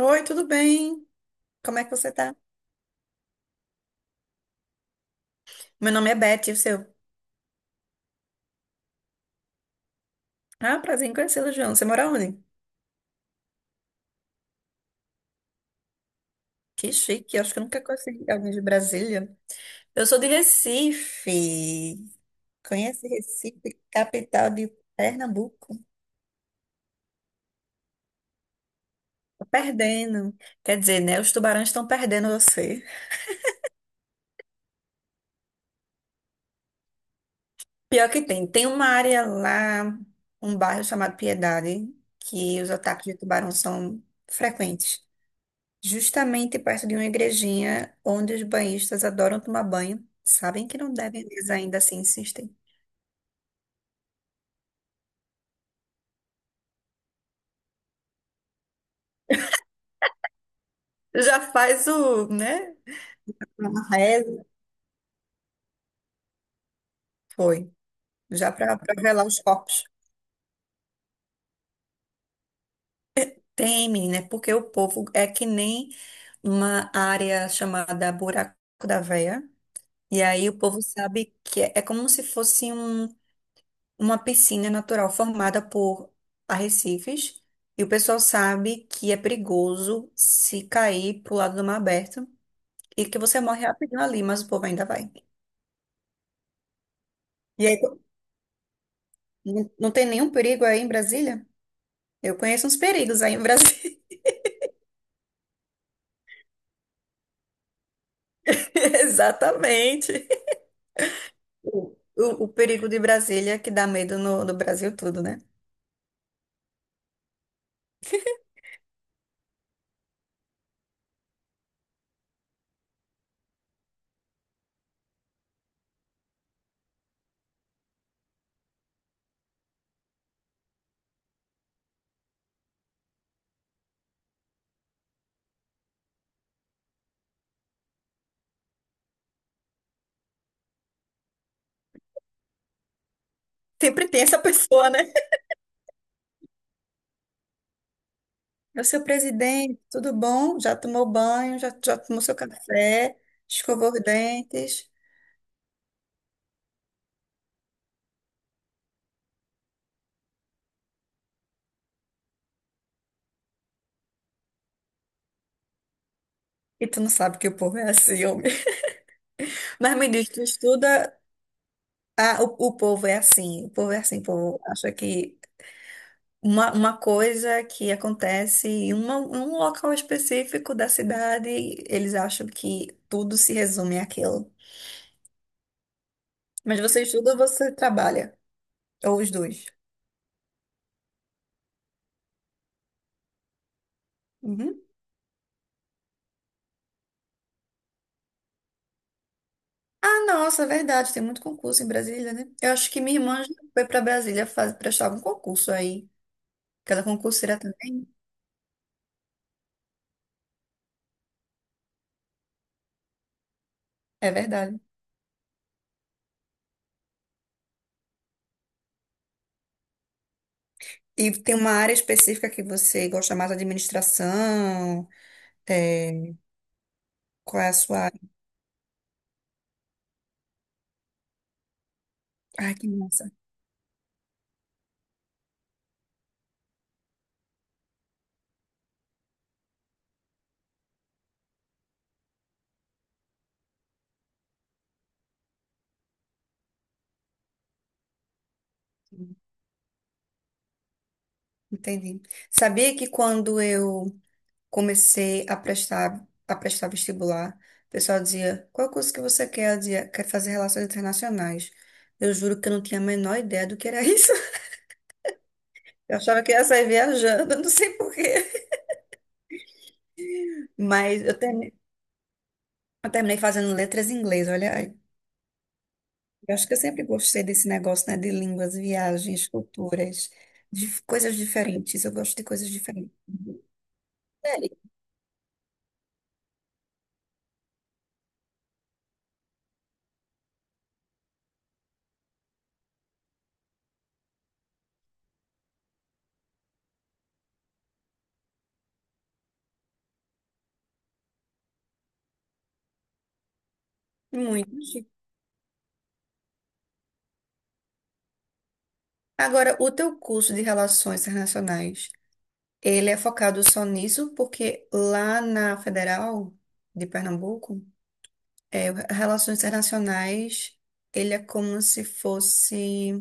Oi, tudo bem? Como é que você tá? Meu nome é Beth, e o seu? Ah, prazer em conhecê-lo, João. Você mora onde? Que chique, acho que eu nunca conheci alguém de Brasília. Eu sou de Recife. Conhece Recife, capital de Pernambuco? Tô perdendo. Quer dizer, né? Os tubarões estão perdendo você. Pior que tem. Tem uma área lá, um bairro chamado Piedade, que os ataques de tubarão são frequentes. Justamente perto de uma igrejinha onde os banhistas adoram tomar banho. Sabem que não devem, mas ainda assim insistem. Já faz o, né? Uma reza foi, já para velar os corpos. Tem, menina, é porque o povo é que nem uma área chamada Buraco da Veia. E aí o povo sabe que é, é como se fosse uma piscina natural formada por arrecifes. E o pessoal sabe que é perigoso se cair pro lado do mar aberto. E que você morre rapidinho ali, mas o povo ainda vai. E aí, não tem nenhum perigo aí em Brasília? Eu conheço uns perigos aí em Brasília. Exatamente. O perigo de Brasília é que dá medo no Brasil tudo, né? Sempre tem essa pessoa, né? É o seu presidente, tudo bom? Já tomou banho, já tomou seu café, escovou os dentes. E tu não sabe que o povo é assim, homem. Mas me diz, tu estuda. Ah, o povo é assim, o povo é assim, o povo acha que uma coisa que acontece em um local específico da cidade, eles acham que tudo se resume àquilo. Mas você estuda ou você trabalha? Ou os dois? Uhum. Ah, nossa, é verdade, tem muito concurso em Brasília, né? Eu acho que minha irmã já foi para Brasília fazer, prestar algum concurso aí. Cada concurseira também. É verdade. E tem uma área específica que você gosta mais, administração, é, qual é a sua... área? Ai, que massa. Entendi. Sabia que quando eu comecei a prestar vestibular. O pessoal dizia, qual curso que você quer? Eu dizia, quer fazer relações internacionais. Eu juro que eu não tinha a menor ideia do que era isso. Eu achava que ia sair viajando, não sei por quê. Mas eu terminei fazendo letras em inglês, olha aí. Eu acho que eu sempre gostei desse negócio, né, de línguas, viagens, culturas, de coisas diferentes. Eu gosto de coisas diferentes. Sério, muito. Chique. Agora, o teu curso de relações internacionais, ele é focado só nisso porque lá na Federal de Pernambuco, é, Relações Internacionais, ele é como se fosse,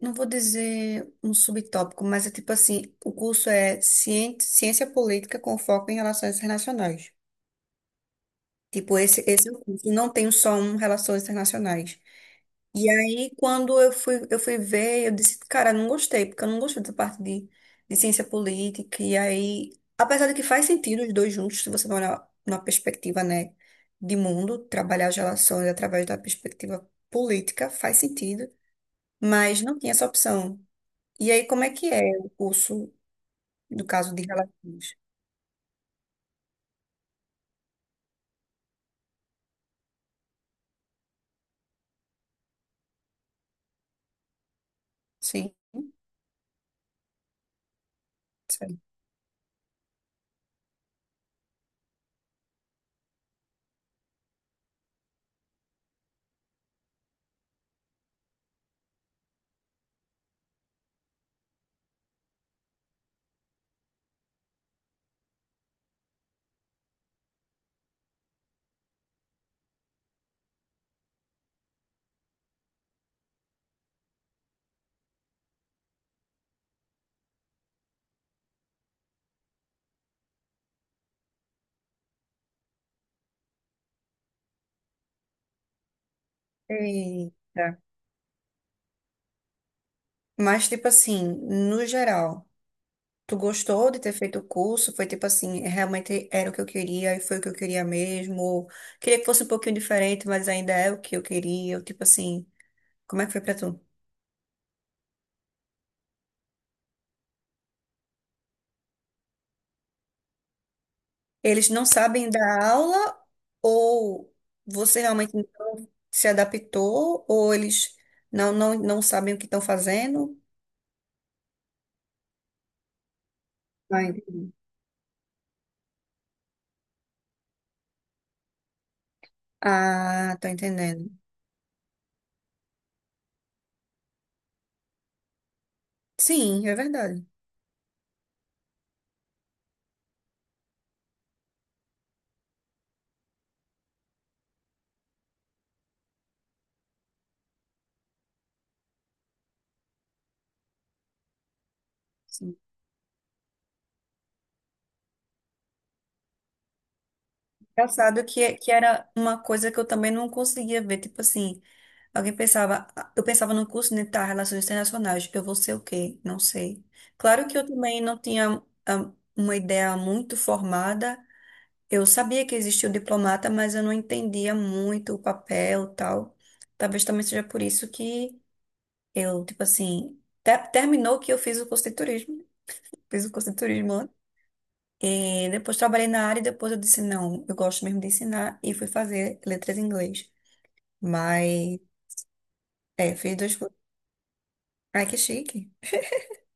não vou dizer um subtópico, mas é tipo assim, o curso é Ciência Política com foco em Relações Internacionais. Tipo, esse é o curso, não tem só um Relações Internacionais. E aí, quando eu fui ver, eu disse, cara, não gostei, porque eu não gostei dessa parte de ciência política. E aí, apesar de que faz sentido os dois juntos, se você for olhar numa perspectiva, né, de mundo, trabalhar as relações através da perspectiva política, faz sentido, mas não tinha essa opção. E aí, como é que é o curso, no caso de relações? Sim, sim. Eita. Mas, tipo assim, no geral. Tu gostou de ter feito o curso? Foi tipo assim, realmente era o que eu queria e foi o que eu queria mesmo? Ou queria que fosse um pouquinho diferente, mas ainda é o que eu queria? Ou tipo assim, como é que foi pra tu? Eles não sabem dar aula ou você realmente não se adaptou ou eles não sabem o que estão fazendo? Ah, entendi. Ah, tô entendendo. Sim, é verdade. Sim. Engraçado que, é, que era uma coisa que eu também não conseguia ver, tipo assim. Alguém pensava, "Ah, eu pensava no curso, né, tá, Relações Internacionais, eu vou ser o quê? Não sei. Claro que eu também não tinha uma ideia muito formada. Eu sabia que existia o diplomata, mas eu não entendia muito o papel, e tal. Talvez também seja por isso que eu, tipo assim, terminou que eu fiz o curso de turismo. Fiz o curso de turismo lá. E depois trabalhei na área e depois eu disse, não, eu gosto mesmo de ensinar e fui fazer letras em inglês. Mas, é, fiz dois cursos. Ai, que chique.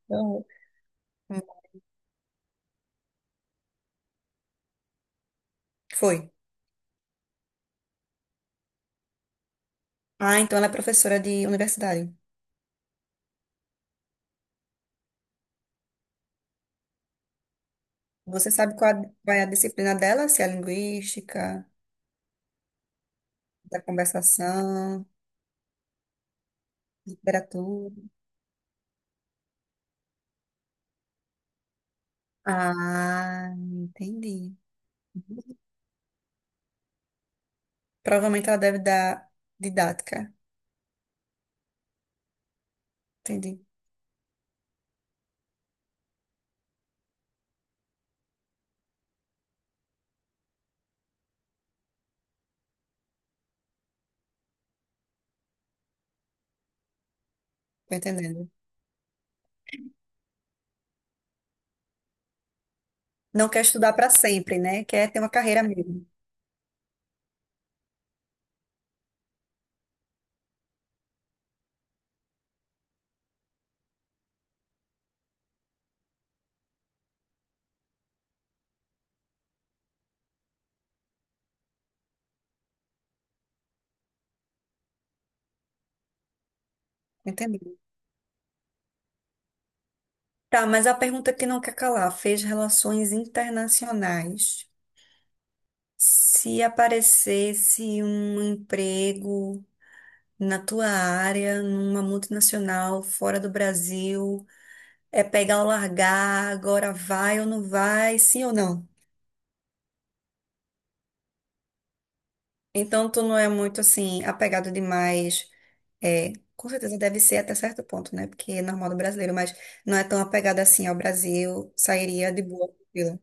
Uhum. Foi. Ah, então ela é professora de universidade. Você sabe qual vai a disciplina dela? Se é linguística, da conversação, literatura. Ah, entendi. Provavelmente ela deve dar didática. Entendi. Tô entendendo. Não quer estudar para sempre, né? Quer ter uma carreira mesmo. Entendi. Tá, mas a pergunta que não quer calar fez relações internacionais. Se aparecesse um emprego na tua área, numa multinacional, fora do Brasil, é pegar ou largar, agora vai ou não vai, sim ou não. Então, tu não é muito assim, apegado demais. É, com certeza deve ser até certo ponto, né? Porque é normal do brasileiro, mas não é tão apegado assim ao Brasil, sairia de boa. Tranquila.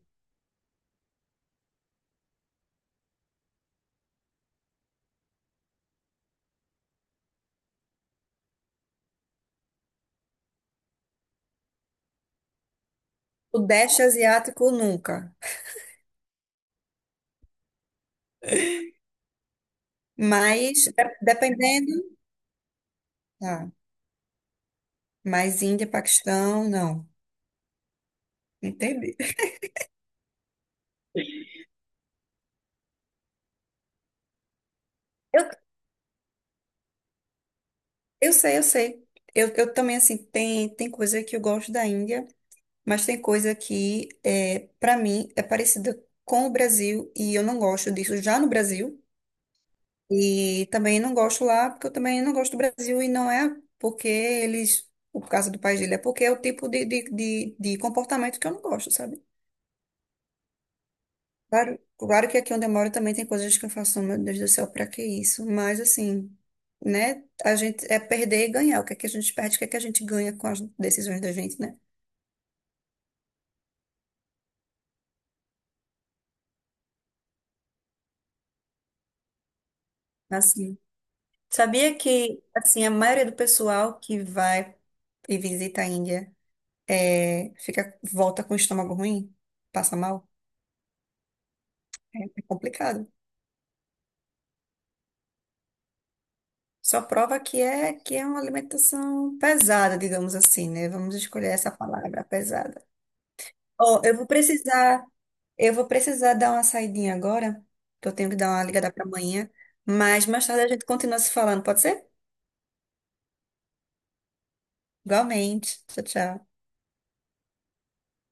O Sudeste asiático, nunca. Mas, dependendo, tá. Mas Índia, Paquistão, não. Entendi. Eu Eu sei, eu sei. Eu também, assim, tem coisa que eu gosto da Índia, mas tem coisa que, é, para mim, é parecida com o Brasil e eu não gosto disso já no Brasil. E também não gosto lá, porque eu também não gosto do Brasil e não é porque eles, por causa do país dele, é porque é o tipo de comportamento que eu não gosto, sabe? Claro, claro que aqui onde eu moro também tem coisas que eu faço, "Oh, meu Deus do céu, pra que isso? Mas assim, né? A gente é perder e ganhar. O que é que a gente perde, o que é que a gente ganha com as decisões da gente, né? Assim, sabia que assim a maioria do pessoal que vai e visita a Índia é, fica volta com o estômago ruim, passa mal, é é complicado. Só prova que é uma alimentação pesada, digamos assim, né? Vamos escolher essa palavra, pesada. Ó, eu vou precisar dar uma saidinha agora, que eu tenho que dar uma ligada para amanhã, mas mais tarde a gente continua se falando, pode ser? Igualmente. Tchau, tchau.